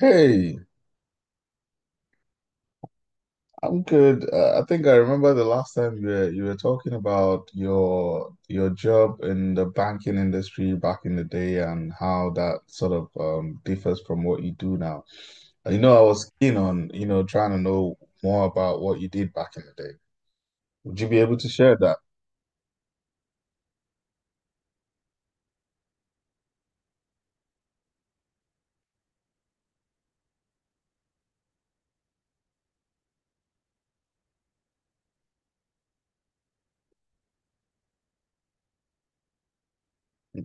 Hey, I'm good. I think I remember the last time you were talking about your job in the banking industry back in the day and how that sort of differs from what you do now. I was keen on, trying to know more about what you did back in the day. Would you be able to share that?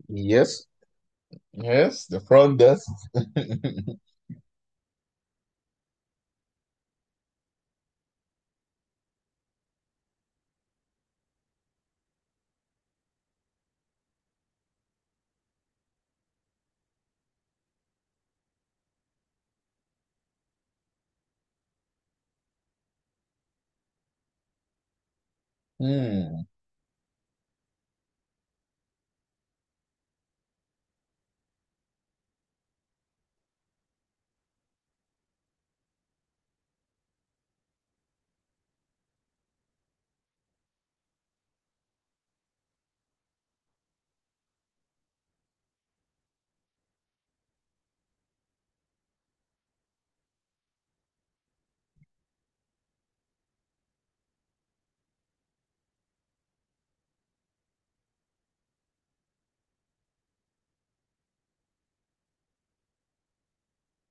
Yes, yes, the front desk. Hmm.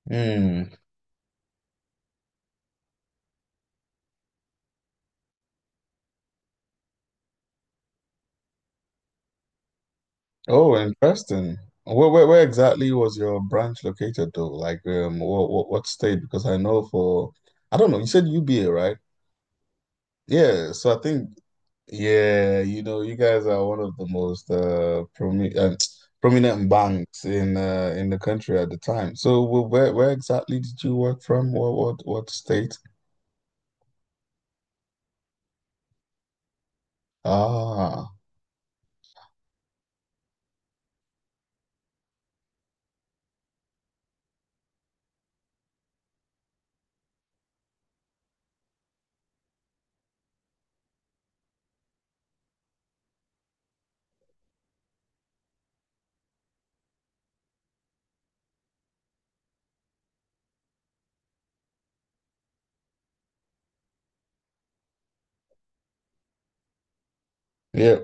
Hmm. Oh, interesting. Where exactly was your branch located though? Like, um, what state? Because I know for, I don't know, you said UBA, right? Yeah. So I think, yeah, you know, you guys are one of the most promi prominent banks in in the country at the time. So where exactly did you work from? What state? Ah, yeah.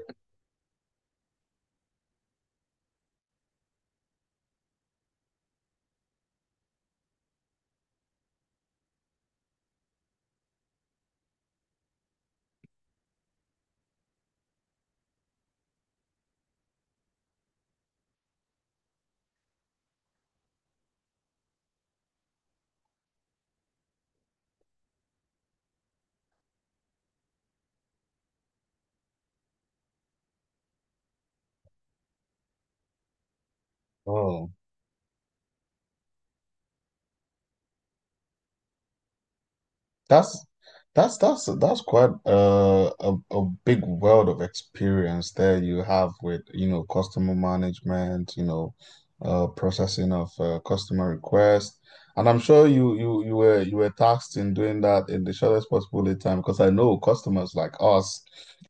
Oh. That's that's quite a big world of experience there you have with, you know, customer management, you know, processing of customer requests, and I'm sure you were tasked in doing that in the shortest possible lead time, because I know customers like us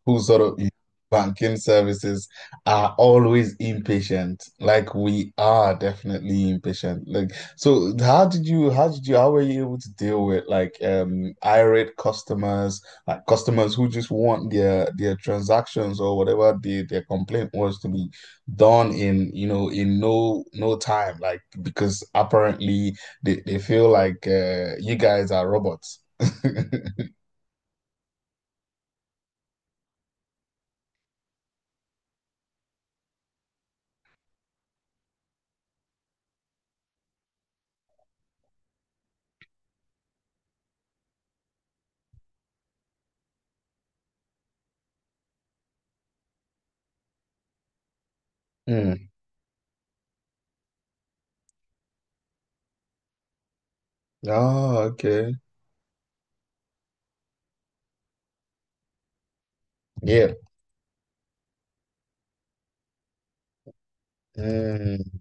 who sort of use banking services are always impatient. Like, we are definitely impatient. Like, so how were you able to deal with, like, irate customers, like customers who just want their transactions or whatever their complaint was to be done in, you know, in no time, like, because apparently they feel like you guys are robots. Mm. Oh, okay. Yeah. Mm.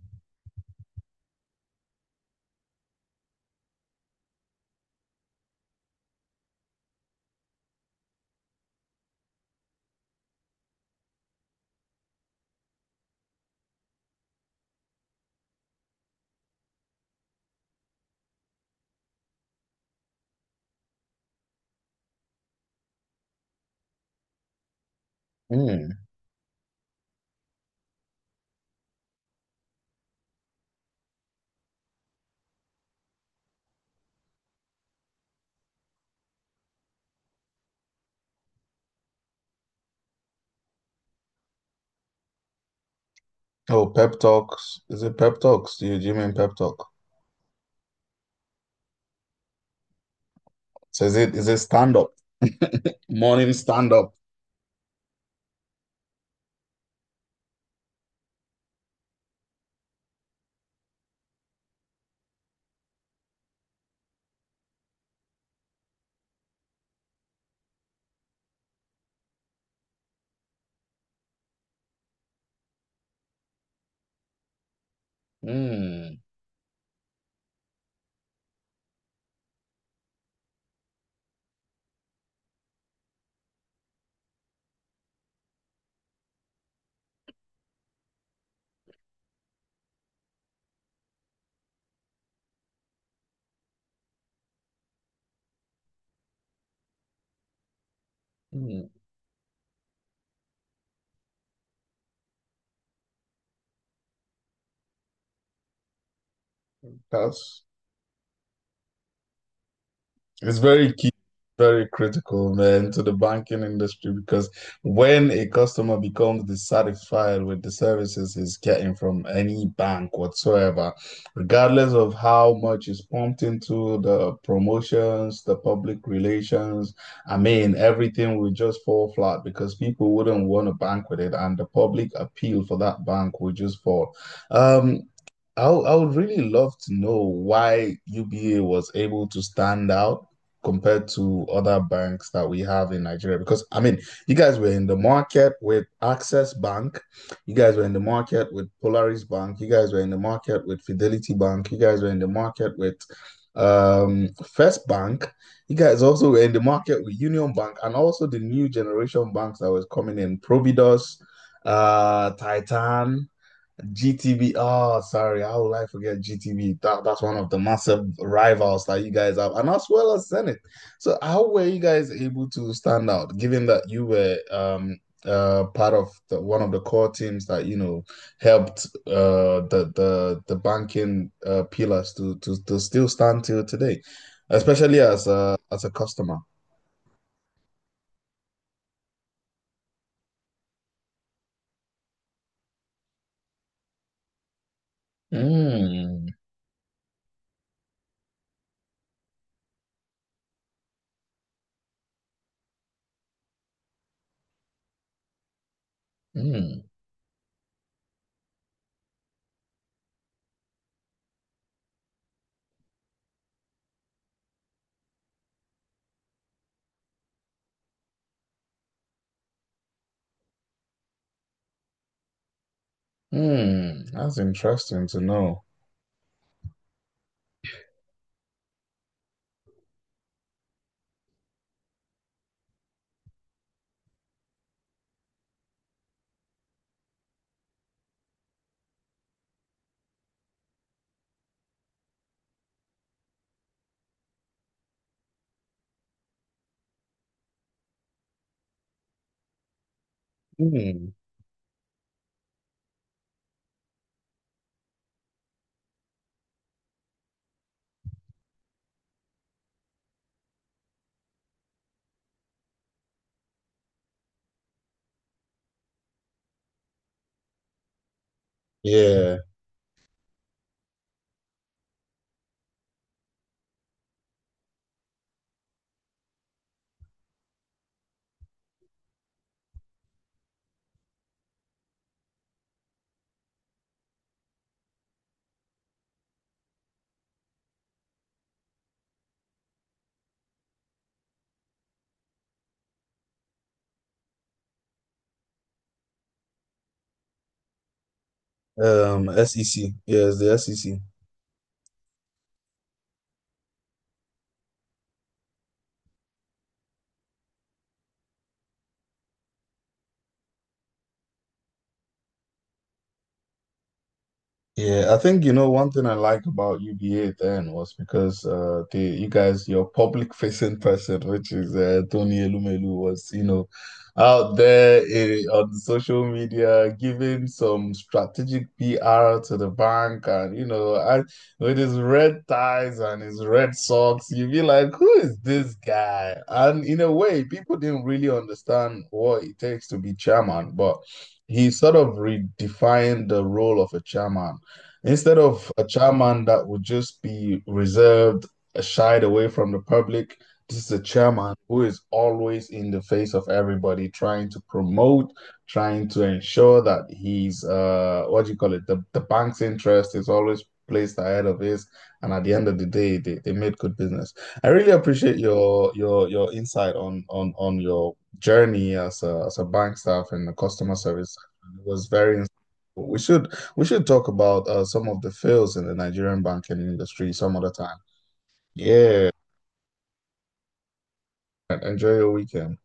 Mm. Oh, pep talks. Is it pep talks? Do you mean pep talk? So is it stand up? Morning stand up. Hmm. Hmm. That's It's very key, very critical, man, to the banking industry, because when a customer becomes dissatisfied with the services he's getting from any bank whatsoever, regardless of how much is pumped into the promotions, the public relations, I mean, everything will just fall flat because people wouldn't want to bank with it, and the public appeal for that bank will just fall. Um, I would really love to know why UBA was able to stand out compared to other banks that we have in Nigeria. Because, I mean, you guys were in the market with Access Bank, you guys were in the market with Polaris Bank, you guys were in the market with Fidelity Bank, you guys were in the market with First Bank, you guys also were in the market with Union Bank, and also the new generation banks that was coming in, Providos, Titan. GTB. Oh, sorry. How will I forget GTB? That's one of the massive rivals that you guys have, and as well as Senate. So, how were you guys able to stand out, given that you were part of one of the core teams that, you know, helped the the banking pillars to still stand till today, especially as a customer. Mm, mm. Hmm, that's interesting to know. Hmm. Yeah, SEC. Yeah, it's the SEC. Yeah, I think, you know, one thing I liked about UBA then was because the, you guys, your public facing person, which is Tony Elumelu, was, you know, out there, eh, on social media giving some strategic PR to the bank, and you know and with his red ties and his red socks, you'd be like, who is this guy? And in a way, people didn't really understand what it takes to be chairman, but he sort of redefined the role of a chairman. Instead of a chairman that would just be reserved, shied away from the public, this is a chairman who is always in the face of everybody, trying to promote, trying to ensure that he's, what do you call it? The bank's interest is always placed ahead of his, and at the end of the day, they made good business. I really appreciate your insight on your journey as a bank staff and the customer service. It was very insightful. We should we should talk about some of the fails in the Nigerian banking industry some other time. Yeah, enjoy your weekend.